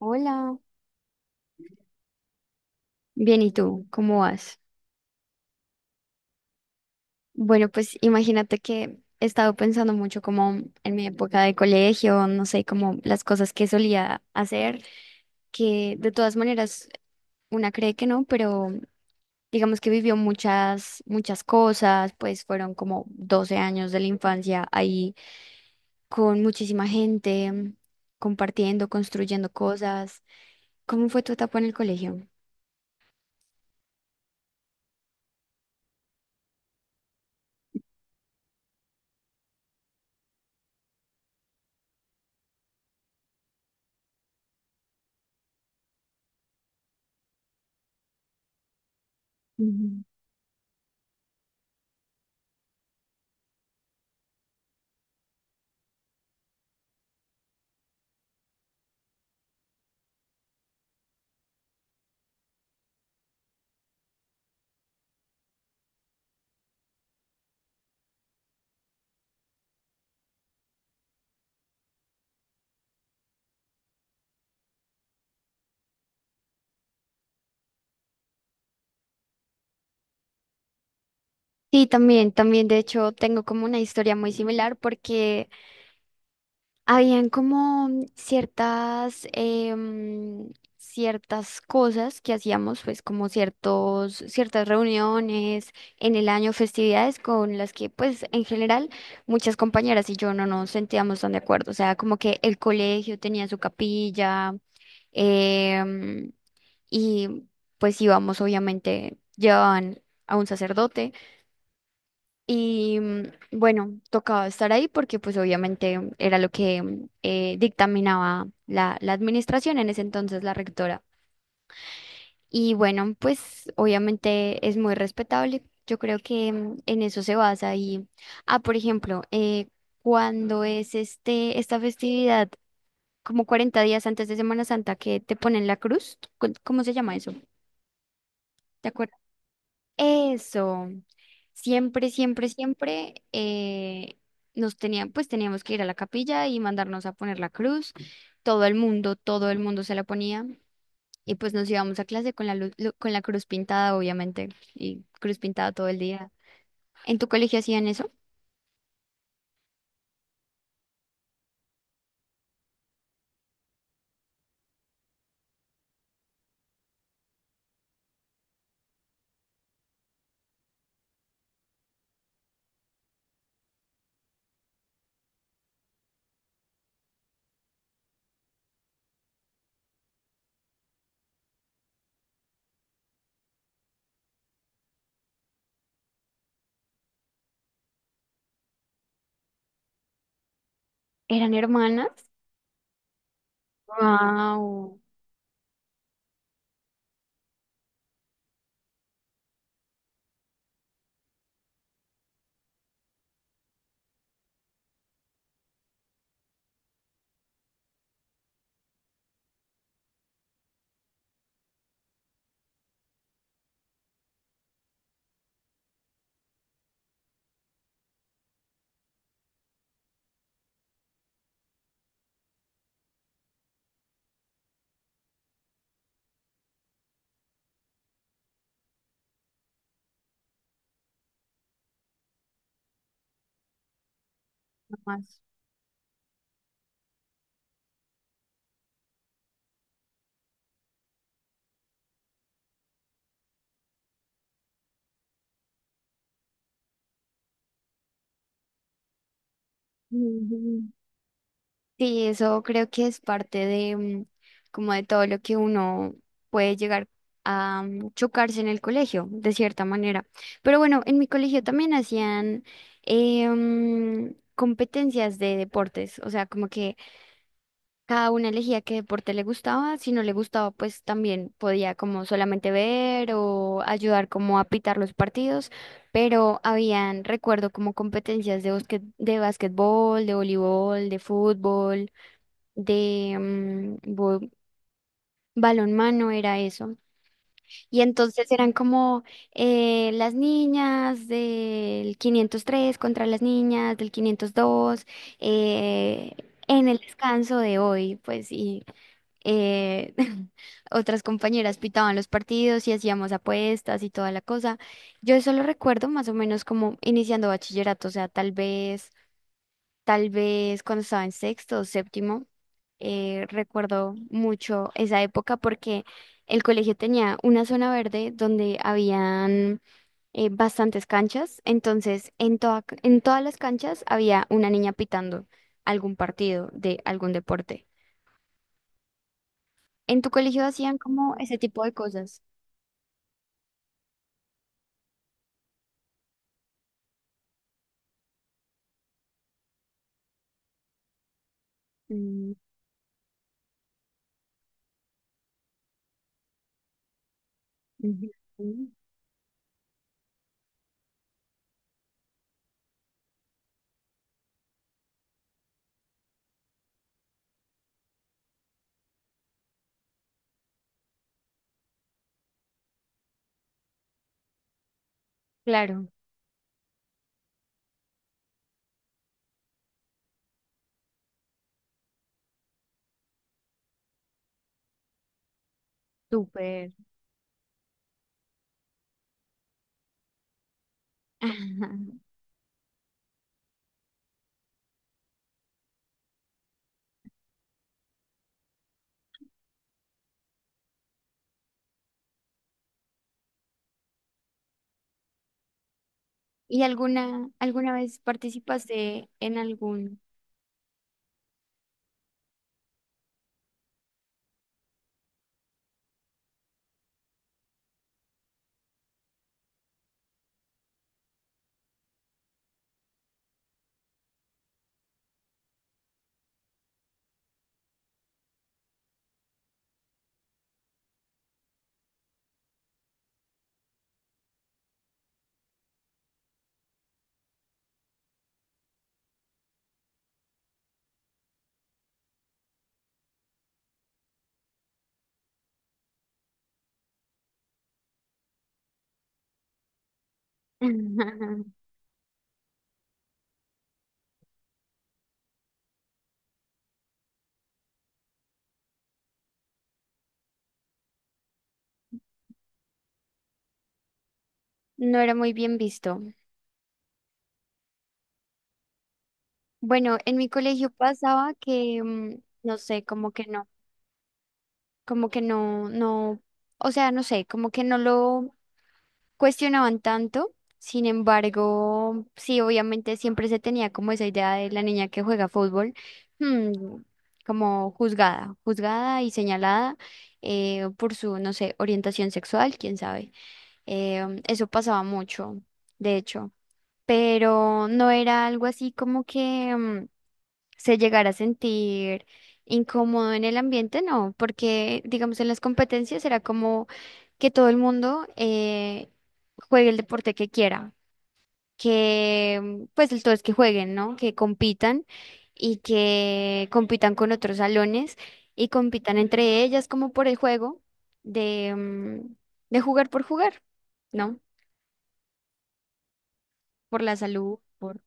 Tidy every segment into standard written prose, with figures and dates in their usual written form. Hola, bien, ¿y tú? ¿Cómo vas? Bueno, pues imagínate que he estado pensando mucho como en mi época de colegio, no sé, como las cosas que solía hacer, que de todas maneras una cree que no, pero digamos que vivió muchas, muchas cosas, pues fueron como 12 años de la infancia ahí con muchísima gente, compartiendo, construyendo cosas. ¿Cómo fue tu etapa en el colegio? Sí, también, también, de hecho, tengo como una historia muy similar porque habían como ciertas, ciertas cosas que hacíamos, pues como ciertas reuniones en el año, festividades con las que, pues, en general, muchas compañeras y yo no nos sentíamos tan de acuerdo. O sea, como que el colegio tenía su capilla, em, y pues íbamos, obviamente, llevaban a un sacerdote. Y bueno, tocaba estar ahí porque pues obviamente era lo que dictaminaba la administración en ese entonces, la rectora. Y bueno, pues obviamente es muy respetable. Yo creo que en eso se basa. Y, ah, por ejemplo, cuando es esta festividad, como 40 días antes de Semana Santa, que te ponen la cruz, ¿cómo se llama eso? ¿Te acuerdas? Eso, siempre, siempre, siempre nos tenían, pues teníamos que ir a la capilla y mandarnos a poner la cruz. Todo el mundo se la ponía y pues nos íbamos a clase con con la cruz pintada, obviamente, y cruz pintada todo el día. ¿En tu colegio hacían eso? ¿Eran hermanas? Wow, más. Sí, eso creo que es parte de como de todo lo que uno puede llegar a chocarse en el colegio, de cierta manera. Pero bueno, en mi colegio también hacían competencias de deportes, o sea, como que cada una elegía qué deporte le gustaba, si no le gustaba, pues también podía como solamente ver o ayudar como a pitar los partidos, pero habían, recuerdo, como competencias de de básquetbol de voleibol, de fútbol de balonmano era eso. Y entonces eran como las niñas del 503 contra las niñas del 502 eh, en el descanso de hoy, pues y eh, otras compañeras pitaban los partidos y hacíamos apuestas y toda la cosa. Yo eso lo recuerdo más o menos como iniciando bachillerato, o sea, tal vez cuando estaba en sexto o séptimo, recuerdo mucho esa época porque el colegio tenía una zona verde donde habían bastantes canchas, entonces en en todas las canchas había una niña pitando algún partido de algún deporte. ¿En tu colegio hacían como ese tipo de cosas? Mm, ujú. Claro, súper. ¿Y alguna vez participaste en algún... No era muy bien visto. Bueno, en mi colegio pasaba que, no sé, como que no, no, o sea, no sé, como que no lo cuestionaban tanto. Sin embargo, sí, obviamente siempre se tenía como esa idea de la niña que juega fútbol, mm, como juzgada, juzgada y señalada por su, no sé, orientación sexual, quién sabe. Eso pasaba mucho, de hecho, pero no era algo así como que se llegara a sentir incómodo en el ambiente, no, porque digamos en las competencias era como que todo el mundo juegue el deporte que quiera, que pues el todo es que jueguen, ¿no? Que compitan y que compitan con otros salones y compitan entre ellas como por el juego de, mm, de jugar por jugar, ¿no? Por la salud, por...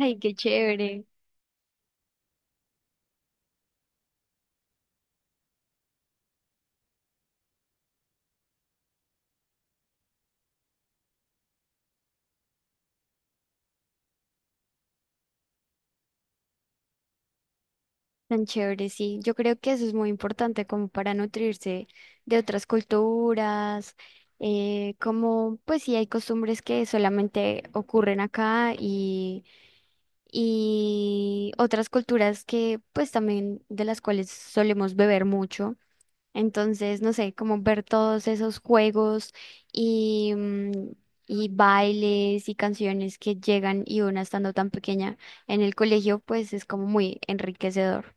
Ay, qué chévere. Tan chévere, sí. Yo creo que eso es muy importante como para nutrirse de otras culturas, como pues sí hay costumbres que solamente ocurren acá y, otras culturas que pues también de las cuales solemos beber mucho. Entonces, no sé, como ver todos esos juegos y, mm, y bailes y canciones que llegan y una estando tan pequeña en el colegio, pues es como muy enriquecedor.